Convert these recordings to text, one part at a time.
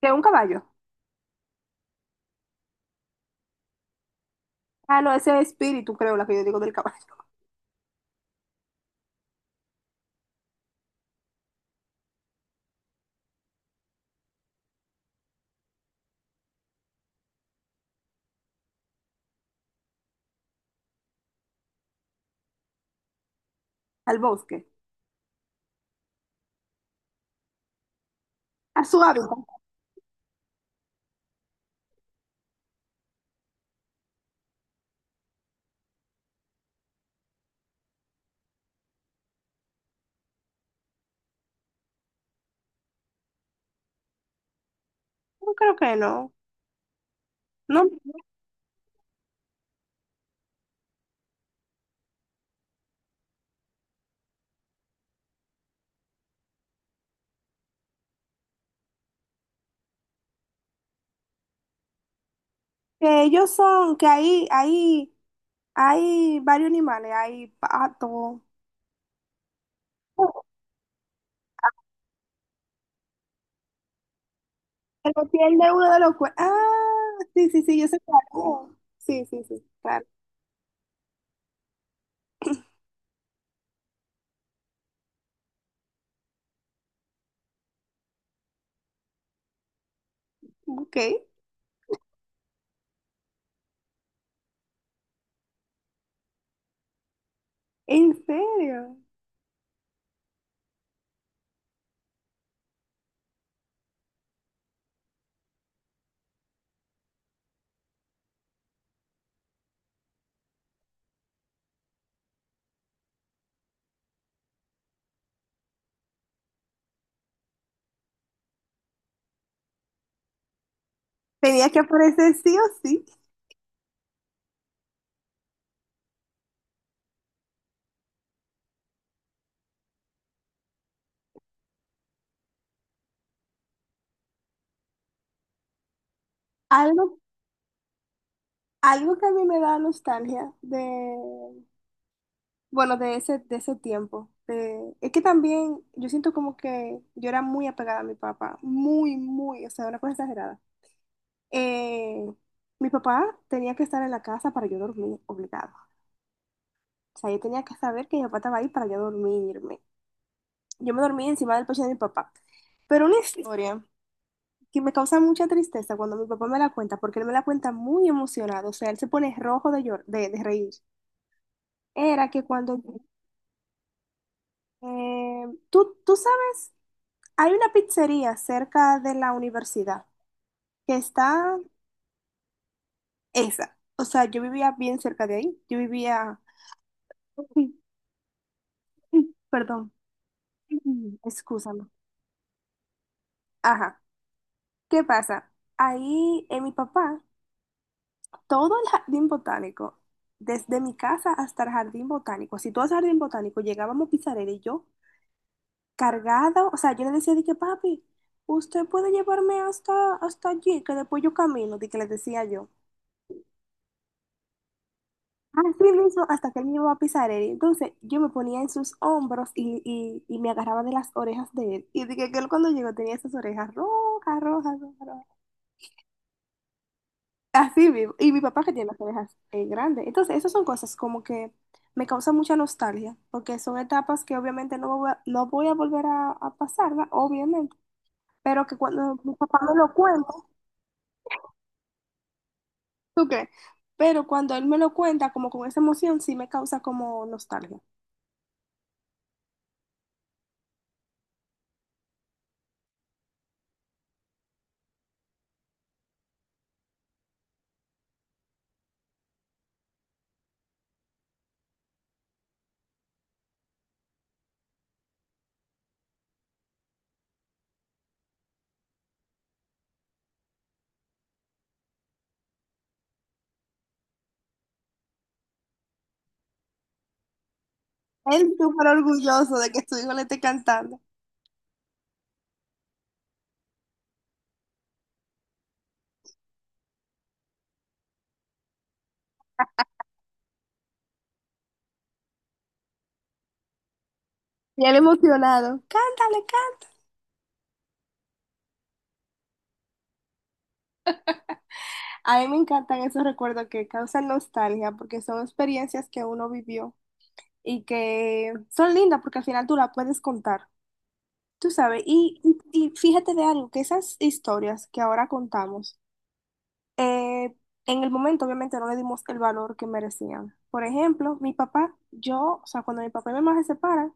Que un caballo. Ah, no, ese es espíritu, creo, la que yo digo del caballo. Al bosque. A su hábitat. No creo que no. No, que ellos son, que ahí, hay varios animales, hay pato. Oh. Que lo pierde uno de los cuernos. Ah, sí, sí, sí, yo sé cuál es. Sí, sí, sí, claro. Ok. ¿En serio? Tenía que aparecer sí o sí. Algo, Algo que a mí me da nostalgia de, bueno, de ese tiempo. Es que también yo siento como que yo era muy apegada a mi papá, muy, muy, o sea, una cosa exagerada. Eh, Mi papá tenía que estar en la casa para yo dormir, obligado. O sea, yo tenía que saber que mi papá estaba ahí para yo dormirme. Yo me dormía encima del pecho de mi papá. Pero una historia que me causa mucha tristeza cuando mi papá me la cuenta, porque él me la cuenta muy emocionado, o sea, él se pone rojo de, de reír. Era que cuando, eh, tú sabes, hay una pizzería cerca de la universidad, que está esa, o sea, yo vivía bien cerca de ahí, yo vivía, perdón, excúsame, ajá, ¿qué pasa? Ahí mi papá todo el jardín botánico, desde mi casa hasta el jardín botánico, si tú vas al jardín botánico, llegábamos Pizarera y yo cargada, o sea, yo le decía de que papi, usted puede llevarme hasta allí, que después yo camino, de que le decía yo. Así mismo, hasta que él me llevaba a Pizarera. Y entonces yo me ponía en sus hombros y me agarraba de las orejas de él. Y dije que él cuando llegó tenía esas orejas rojas, rojas, rojas. Así vivo. Y mi papá que tiene las orejas grandes. Entonces, esas son cosas como que me causan mucha nostalgia, porque son etapas que obviamente no voy a volver a pasar, ¿va? Obviamente. Pero que cuando mi papá me lo cuenta, ¿tú crees? Pero cuando él me lo cuenta, como con esa emoción, sí me causa como nostalgia. Él súper orgulloso de que su hijo le esté cantando. Y él emocionado. Cántale, cántale. A mí me encantan esos recuerdos que causan nostalgia, porque son experiencias que uno vivió, y que son lindas porque al final tú las puedes contar, tú sabes. Y fíjate de algo, que esas historias que ahora contamos, eh, en el momento obviamente no le dimos el valor que merecían. Por ejemplo, mi papá, yo, o sea, cuando mi papá y mi mamá se separan,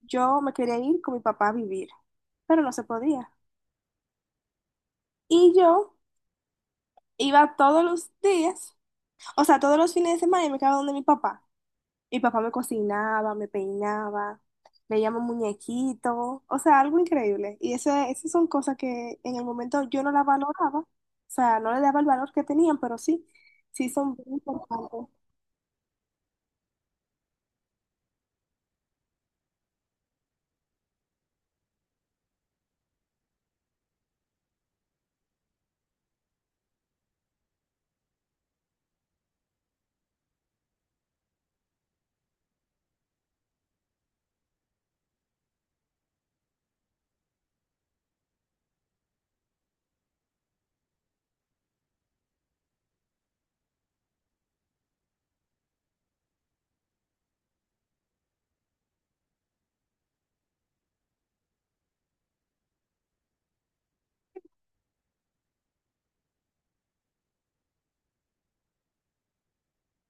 yo me quería ir con mi papá a vivir, pero no se podía. Y yo iba todos los días, o sea, todos los fines de semana y me quedaba donde mi papá. Y papá me cocinaba, me peinaba, veíamos muñequitos, o sea, algo increíble. Y eso, esas son cosas que en el momento yo no las valoraba, o sea, no le daba el valor que tenían, pero sí, sí son muy importantes.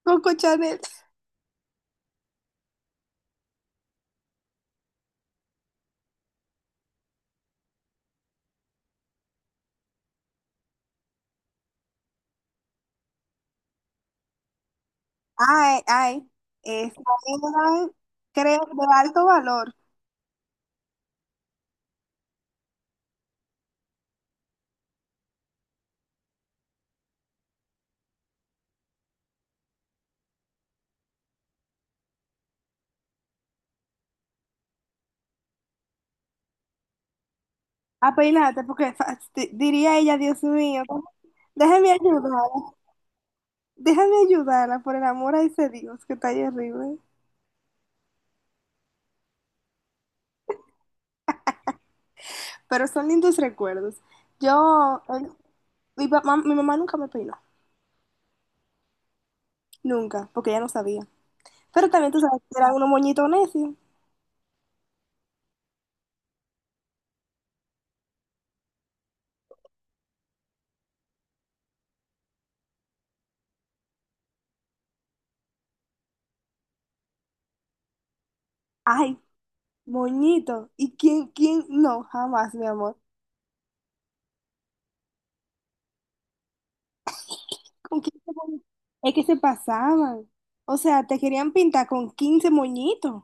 Coco Chanel. Ay, ay, Esa era, creo, de alto valor. A peinarte, porque diría ella, Dios mío, déjame ayudar, déjame ayudarla por el amor a ese Dios que está ahí arriba. Pero son lindos recuerdos. Yo, el- Mi papá, mi mamá nunca me peinó, nunca, porque ella no sabía. Pero también tú sabes que era uno moñito necio. Ay, moñito. ¿Y quién? No, jamás, mi amor. ¿Con quién se moñi- Es que se pasaban. O sea, te querían pintar con 15 moñitos.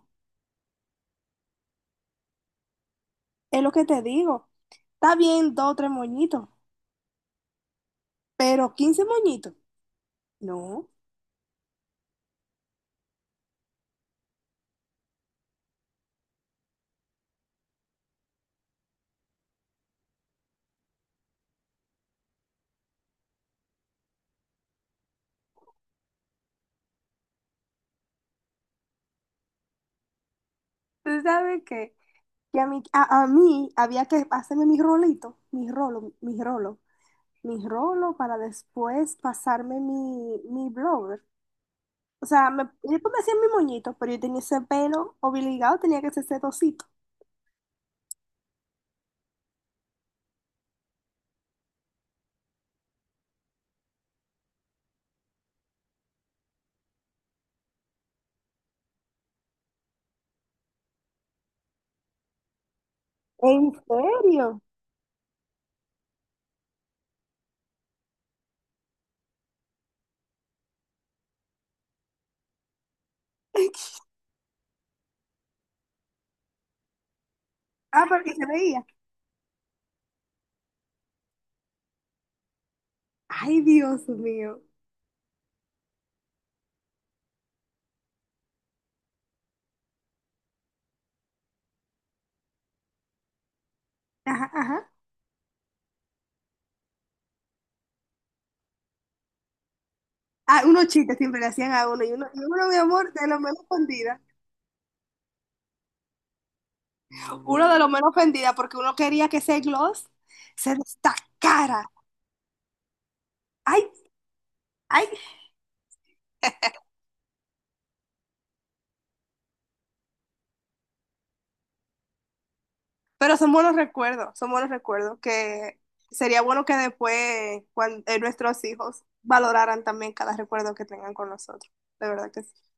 Es lo que te digo. Está bien, dos o tres moñitos, pero 15 moñitos. No. ¿Tú sabes qué? Que a mí había que hacerme mi rolito, mi rolo para después pasarme mi blower. O sea, me, yo pues me hacía mi moñito, pero yo tenía ese pelo obligado, tenía que hacer ese trocito. ¿En serio? Ah, porque se veía. Ay, Dios mío. Ajá, ajá. Ah, unos chistes siempre le hacían a uno. Y uno, y uno, mi amor, de lo menos ofendida. Uno de lo menos ofendida porque uno quería que ese gloss se destacara. Ay, ay, Pero son buenos recuerdos que sería bueno que después nuestros hijos valoraran también cada recuerdo que tengan con nosotros. De verdad que sí.